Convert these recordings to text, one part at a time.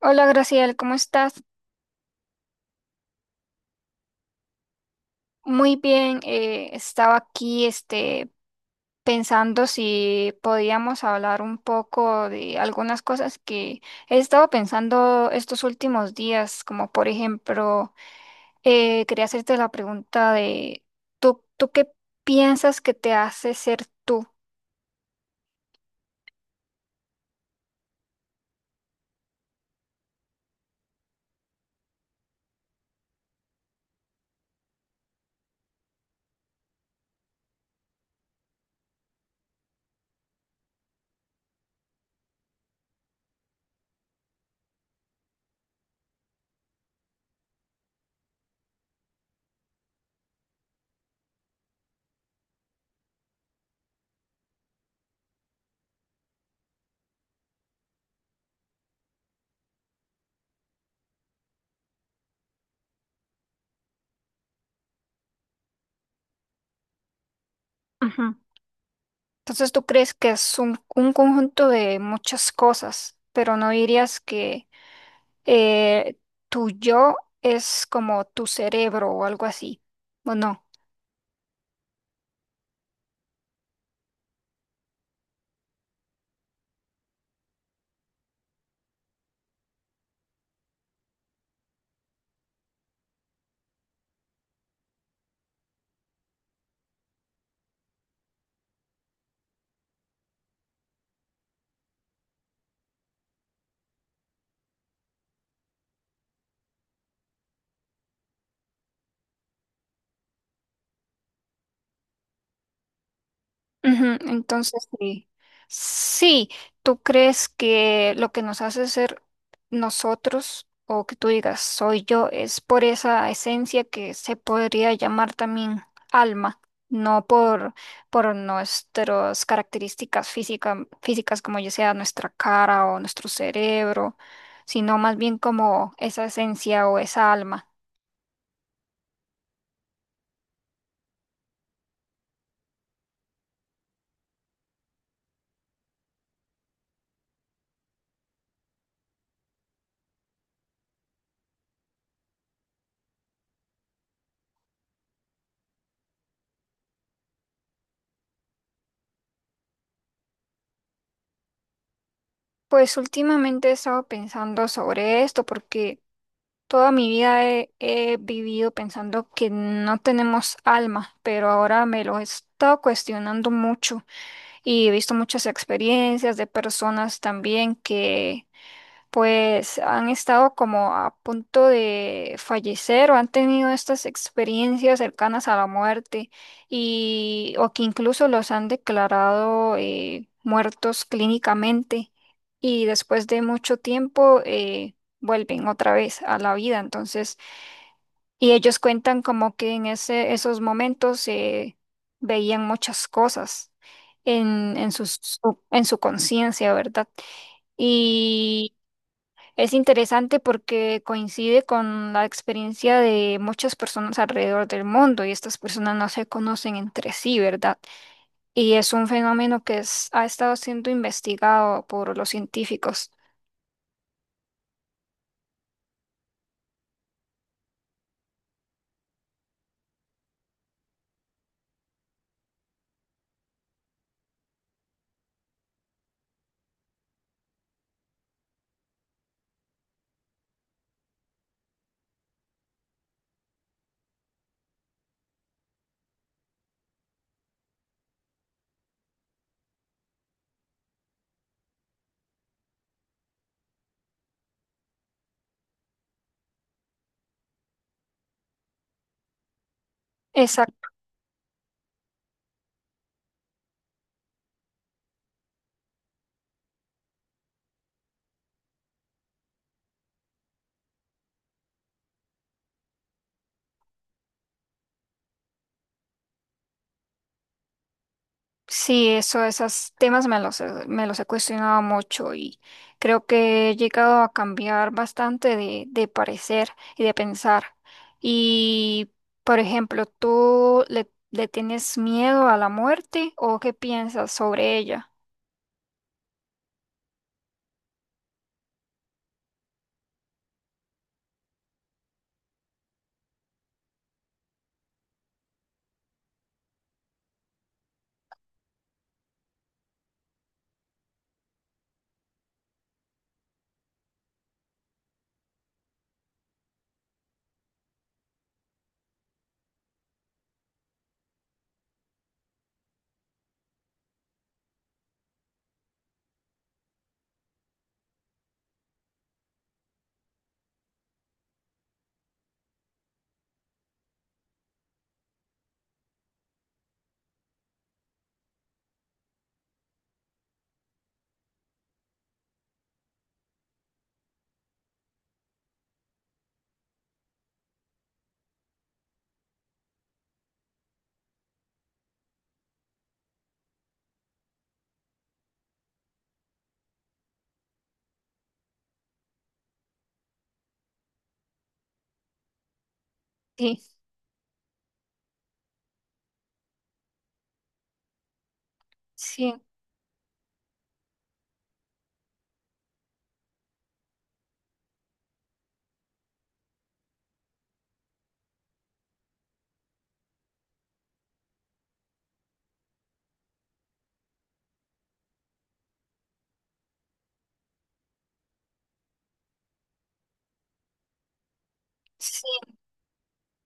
Hola Graciela, ¿cómo estás? Muy bien, estaba aquí pensando si podíamos hablar un poco de algunas cosas que he estado pensando estos últimos días, como por ejemplo, quería hacerte la pregunta de, ¿tú qué piensas que te hace ser tú? Ujú. Entonces tú crees que es un conjunto de muchas cosas, pero no dirías que eh, tu yo es como tu cerebro o algo así, ¿o no? Ujú. Entonces, sí, sí, tú crees que lo que nos hace ser nosotros o que tú digas soy yo es por esa esencia que se podría llamar también alma, no por nuestras características físicas, como ya sea nuestra cara o nuestro cerebro, sino más bien como esa esencia o esa alma. Pues últimamente he estado pensando sobre esto porque toda mi vida he vivido pensando que no tenemos alma, pero ahora me lo he estado cuestionando mucho y he visto muchas experiencias de personas también que pues han estado como a punto de fallecer o han tenido estas experiencias cercanas a la muerte, y o que incluso los han declarado muertos clínicamente y después de mucho tiempo vuelven otra vez a la vida. Entonces, y ellos cuentan como que en esos momentos veían muchas cosas en su conciencia, ¿verdad? Y es interesante porque coincide con la experiencia de muchas personas alrededor del mundo, y estas personas no se conocen entre sí, ¿verdad? Y es un fenómeno que ha estado siendo investigado por los científicos. Es Sí, esos temas me me los he cuestionado mucho, y creo que he llegado a cambiar bastante de parecer y de pensar. Y, por ejemplo, ¿tú le tienes miedo a la muerte o qué piensas sobre ella? Sí, sí.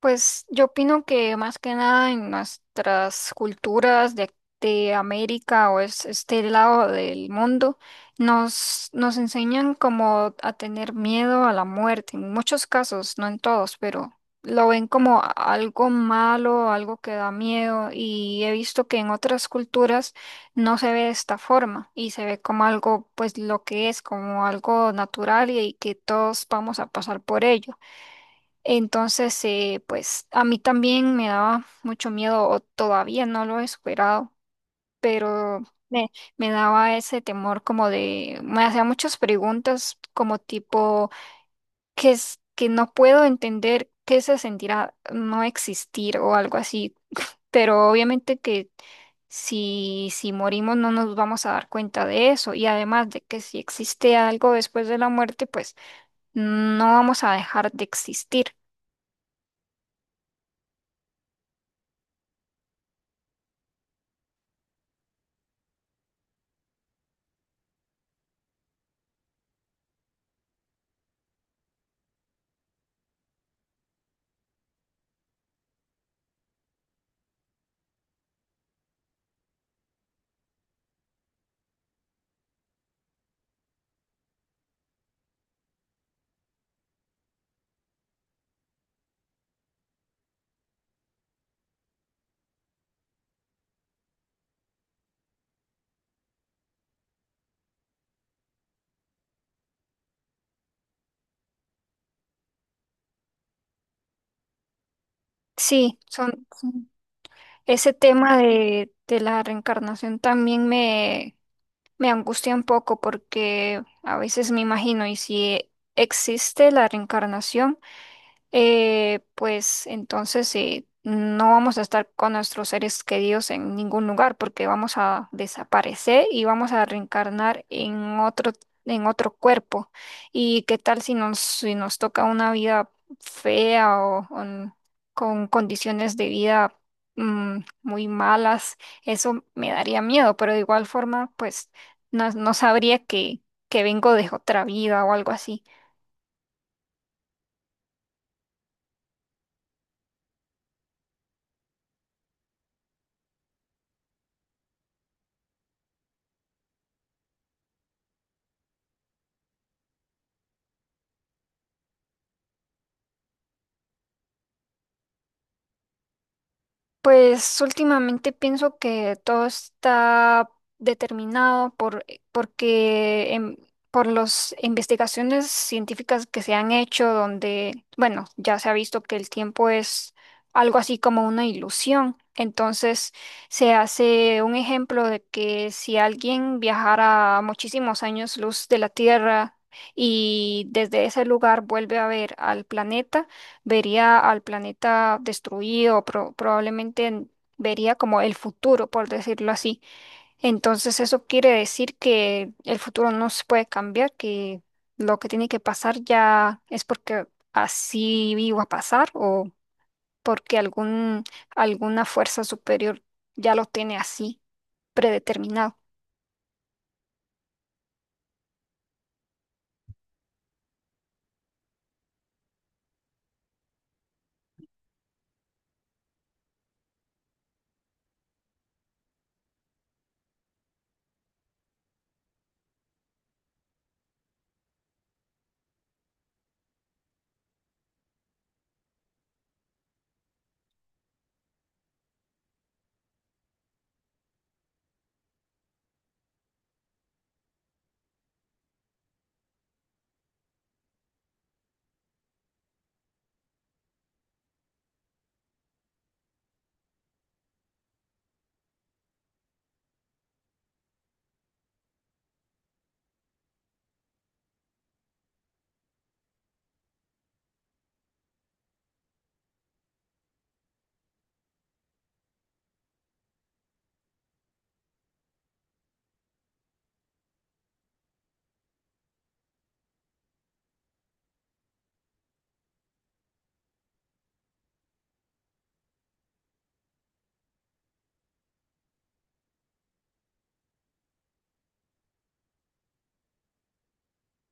Pues yo opino que más que nada en nuestras culturas de América o es, este lado del mundo nos enseñan como a tener miedo a la muerte, en muchos casos, no en todos, pero lo ven como algo malo, algo que da miedo, y he visto que en otras culturas no se ve de esta forma y se ve como algo, pues lo que es, como algo natural y que todos vamos a pasar por ello. Entonces, pues a mí también me daba mucho miedo, o todavía no lo he superado, pero me, me daba ese temor como de, me hacía muchas preguntas como tipo, ¿qué es que no puedo entender qué se sentirá no existir o algo así? Pero obviamente que si morimos no nos vamos a dar cuenta de eso, y además de que si existe algo después de la muerte, pues no vamos a dejar de existir. Sí, son... Ese tema de la reencarnación también me angustia un poco, porque a veces me imagino, ¿y si existe la reencarnación? Pues entonces no vamos a estar con nuestros seres queridos en ningún lugar porque vamos a desaparecer y vamos a reencarnar en en otro cuerpo. ¿Y qué tal si si nos toca una vida fea o con condiciones de vida muy malas? Eso me daría miedo, pero de igual forma, pues no, no sabría que vengo de otra vida o algo así. Pues últimamente pienso que todo está determinado porque por las investigaciones científicas que se han hecho, donde, bueno, ya se ha visto que el tiempo es algo así como una ilusión. Entonces se hace un ejemplo de que si alguien viajara muchísimos años luz de la Tierra y desde ese lugar vuelve a ver al planeta, vería al planeta destruido, probablemente vería como el futuro, por decirlo así. Entonces eso quiere decir que el futuro no se puede cambiar, que lo que tiene que pasar ya es porque así iba a pasar, o porque alguna fuerza superior ya lo tiene así, predeterminado.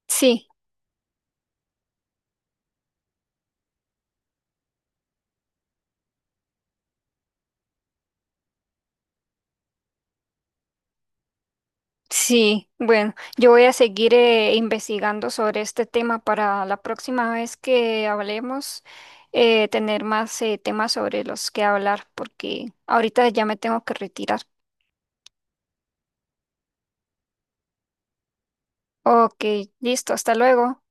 Sí. Sí, bueno, yo voy a seguir investigando sobre este tema para la próxima vez que hablemos, tener más temas sobre los que hablar, porque ahorita ya me tengo que retirar. Ok, listo, hasta luego.